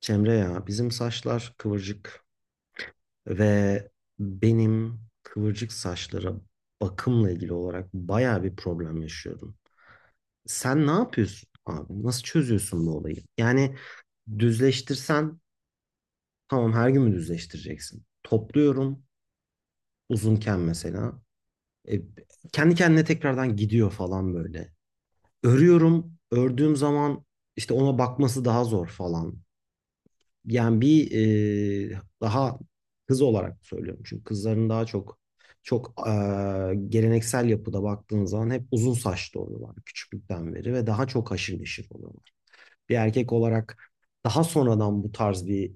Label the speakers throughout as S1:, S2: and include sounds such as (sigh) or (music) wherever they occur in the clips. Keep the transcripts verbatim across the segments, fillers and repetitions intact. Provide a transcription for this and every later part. S1: Cemre ya bizim saçlar kıvırcık ve benim kıvırcık saçlara bakımla ilgili olarak bayağı bir problem yaşıyorum. Sen ne yapıyorsun abi? Nasıl çözüyorsun bu olayı? Yani düzleştirsen tamam her gün mü düzleştireceksin? Topluyorum uzunken mesela. E, Kendi kendine tekrardan gidiyor falan böyle. Örüyorum. Ördüğüm zaman işte ona bakması daha zor falan. Yani bir e, daha kız olarak söylüyorum. Çünkü kızların daha çok çok e, geleneksel yapıda baktığın zaman hep uzun saçlı oluyorlar küçüklükten beri ve daha çok haşır neşir oluyorlar. Bir erkek olarak daha sonradan bu tarz bir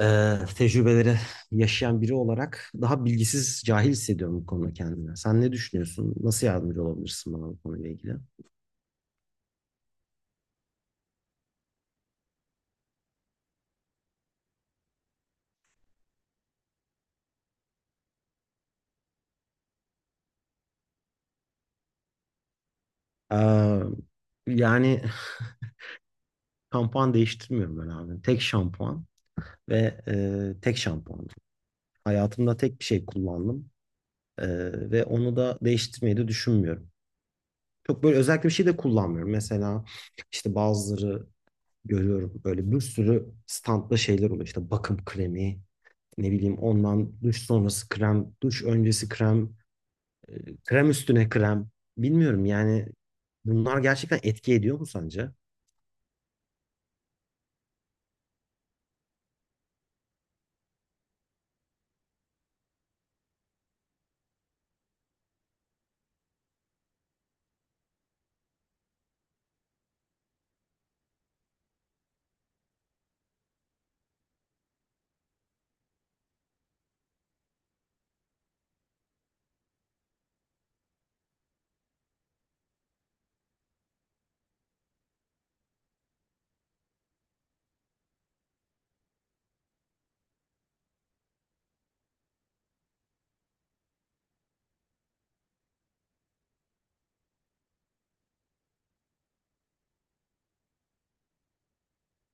S1: e, tecrübeleri yaşayan biri olarak daha bilgisiz, cahil hissediyorum bu konuda kendimi. Sen ne düşünüyorsun? Nasıl yardımcı olabilirsin bana bu konuyla ilgili? E, Yani şampuan değiştirmiyorum ben abi. Tek şampuan. Ve e, tek şampuanım. Hayatımda tek bir şey kullandım. E, Ve onu da değiştirmeyi de düşünmüyorum. Çok böyle özellikle bir şey de kullanmıyorum. Mesela işte bazıları görüyorum böyle bir sürü standta şeyler oluyor. İşte bakım kremi, ne bileyim ondan duş sonrası krem, duş öncesi krem, e, krem üstüne krem. Bilmiyorum yani bunlar gerçekten etki ediyor mu sence?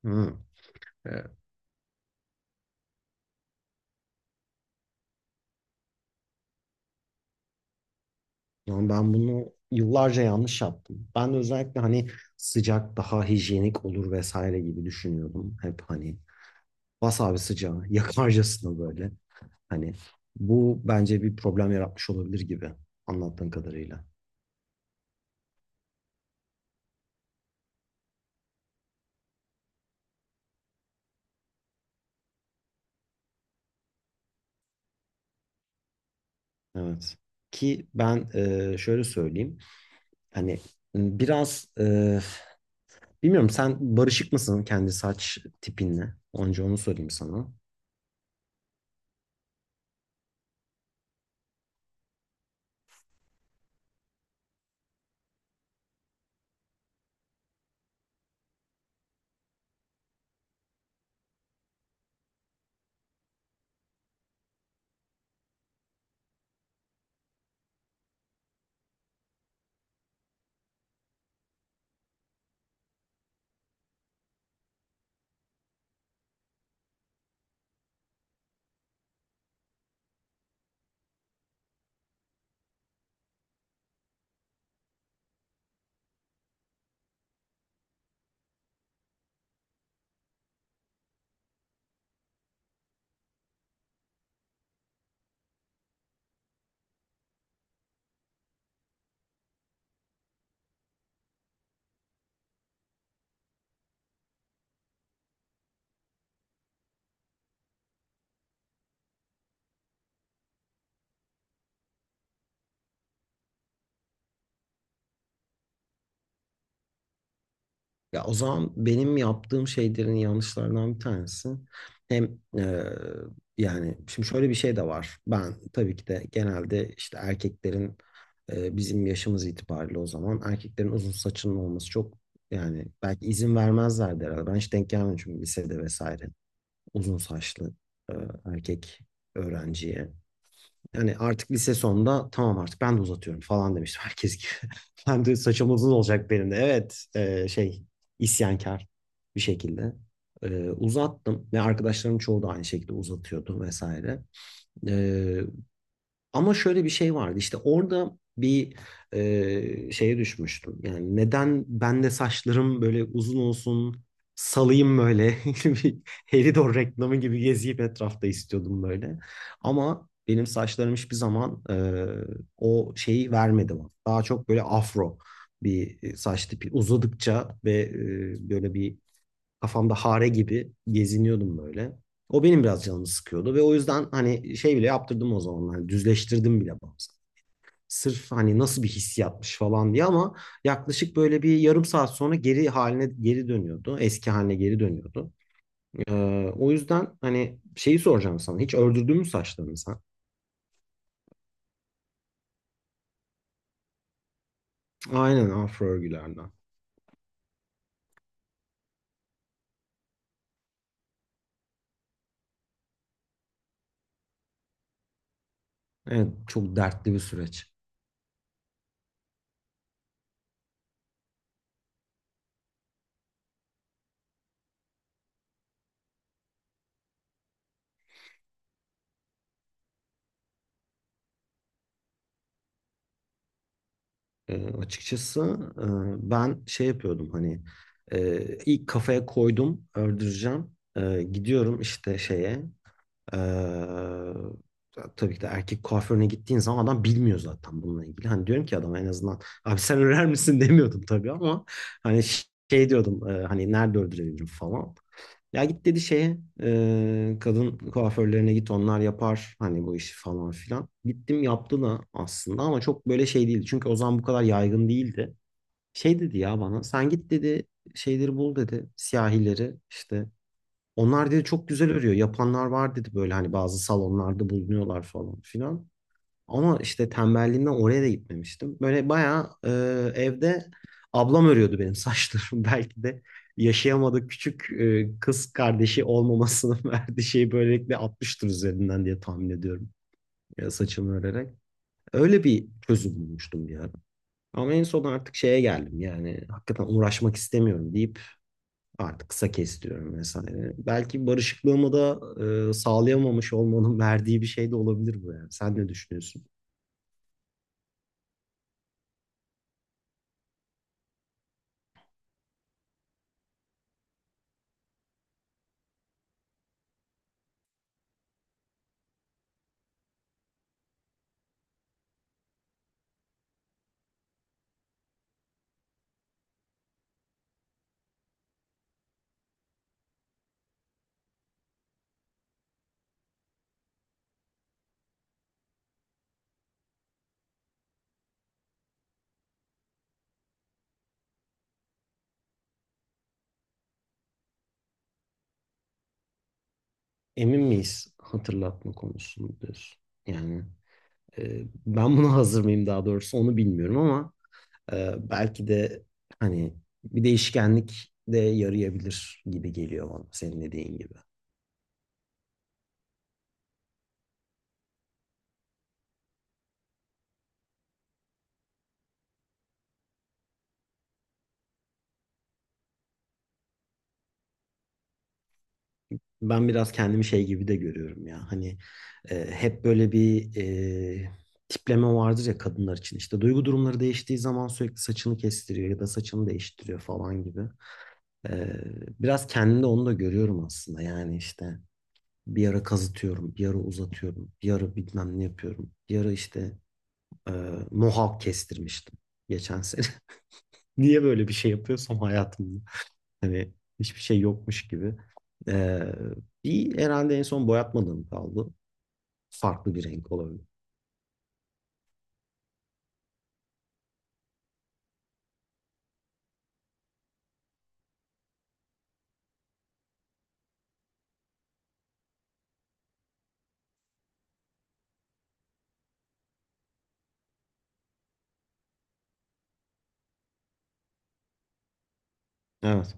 S1: Hı. Yani ben bunu yıllarca yanlış yaptım. Ben de özellikle hani sıcak daha hijyenik olur vesaire gibi düşünüyordum. Hep hani bas abi sıcağı (laughs) yakarcasına böyle. Hani bu bence bir problem yaratmış olabilir gibi anlattığın kadarıyla. Evet. Ki ben, e, şöyle söyleyeyim. Hani biraz, e, bilmiyorum sen barışık mısın kendi saç tipinle? Önce onu sorayım sana. Ya o zaman benim yaptığım şeylerin yanlışlarından bir tanesi hem e, yani şimdi şöyle bir şey de var. Ben tabii ki de genelde işte erkeklerin, e, bizim yaşımız itibariyle o zaman erkeklerin uzun saçının olması çok, yani belki izin vermezlerdi herhalde. Ben hiç denk gelmedim çünkü lisede vesaire uzun saçlı e, erkek öğrenciye. Yani artık lise sonunda tamam artık ben de uzatıyorum falan demiştim herkes gibi. (laughs) Ben de saçım uzun olacak benim de. Evet, e, şey, isyankar bir şekilde. E, uzattım ve arkadaşlarım çoğu da aynı şekilde uzatıyordu vesaire. E, Ama şöyle bir şey vardı işte orada bir e, şeye düşmüştüm. Yani neden ben de saçlarım böyle uzun olsun salayım böyle (laughs) bir Helidor reklamı gibi geziyip etrafta istiyordum böyle. Ama benim saçlarım hiçbir zaman e, o şeyi vermedi bana. Daha çok böyle afro bir saç tipi uzadıkça ve e, böyle bir, kafamda hare gibi geziniyordum böyle. O benim biraz canımı sıkıyordu ve o yüzden hani şey bile yaptırdım o zamanlar. Düzleştirdim bile bazen. Sırf hani nasıl bir hissiyatmış falan diye ama yaklaşık böyle bir yarım saat sonra geri haline geri dönüyordu. Eski haline geri dönüyordu. Ee, O yüzden hani şeyi soracağım sana. Hiç ördürdün mü saçlarını sen? Aynen afro örgülerden. Evet, çok dertli bir süreç. E, açıkçası e, ben şey yapıyordum hani, e, ilk kafaya koydum öldüreceğim. E, gidiyorum işte şeye, ee, tabii ki de erkek kuaförüne gittiğin zaman adam bilmiyor zaten bununla ilgili. Hani diyorum ki adama en azından abi sen örer misin (laughs) demiyordum tabii ama hani şey diyordum, e, hani nerede öldürebilirim falan. Ya git dedi şeye, e, kadın kuaförlerine git onlar yapar hani bu işi falan filan. Gittim yaptı da aslında ama çok böyle şey değildi. Çünkü o zaman bu kadar yaygın değildi. Şey dedi ya bana, sen git dedi şeyleri bul dedi siyahileri işte onlar dedi çok güzel örüyor. Yapanlar var dedi böyle hani bazı salonlarda bulunuyorlar falan filan. Ama işte tembelliğimden oraya da gitmemiştim. Böyle bayağı e, evde ablam örüyordu benim saçlarımı. (laughs) Belki de yaşayamadık küçük e, kız kardeşi olmamasının (laughs) verdiği şeyi böylelikle atmıştır üzerinden diye tahmin ediyorum. Ya saçımı örerek. Öyle bir çözüm bulmuştum bir ara. Ama en son artık şeye geldim yani hakikaten uğraşmak istemiyorum deyip artık kısa kestiriyorum vesaire. Belki barışıklığımı da e, sağlayamamış olmanın (laughs) verdiği bir şey de olabilir bu yani. Sen ne düşünüyorsun? Emin miyiz hatırlatma konusunda diyorsun? Yani, e, ben buna hazır mıyım daha doğrusu onu bilmiyorum ama e, belki de hani bir değişkenlik de yarayabilir gibi geliyor bana senin dediğin gibi. Ben biraz kendimi şey gibi de görüyorum ya. Hani e, hep böyle bir e, tipleme vardır ya kadınlar için. İşte duygu durumları değiştiği zaman sürekli saçını kestiriyor ya da saçını değiştiriyor falan gibi. E, Biraz kendimde onu da görüyorum aslında. Yani işte bir ara kazıtıyorum, bir ara uzatıyorum, bir ara bilmem ne yapıyorum. Bir ara işte e, mohawk kestirmiştim geçen sene. (laughs) Niye böyle bir şey yapıyorsam hayatımda. Hani hiçbir şey yokmuş gibi. Ee, Bir herhalde en son boyatmadığım kaldı. Farklı bir renk olabilir. Evet.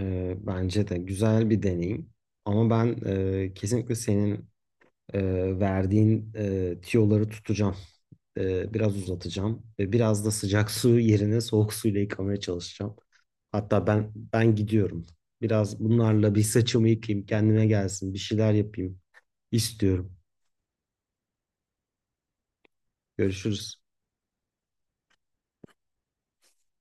S1: Ee, bence de güzel bir deneyim. Ama ben e, kesinlikle senin e, verdiğin e, tiyoları tutacağım. E, biraz uzatacağım. Ve biraz da sıcak (laughs) su yerine soğuk suyla yıkamaya çalışacağım. Hatta ben ben gidiyorum. Biraz bunlarla bir saçımı yıkayayım, kendime gelsin, bir şeyler yapayım istiyorum. Görüşürüz.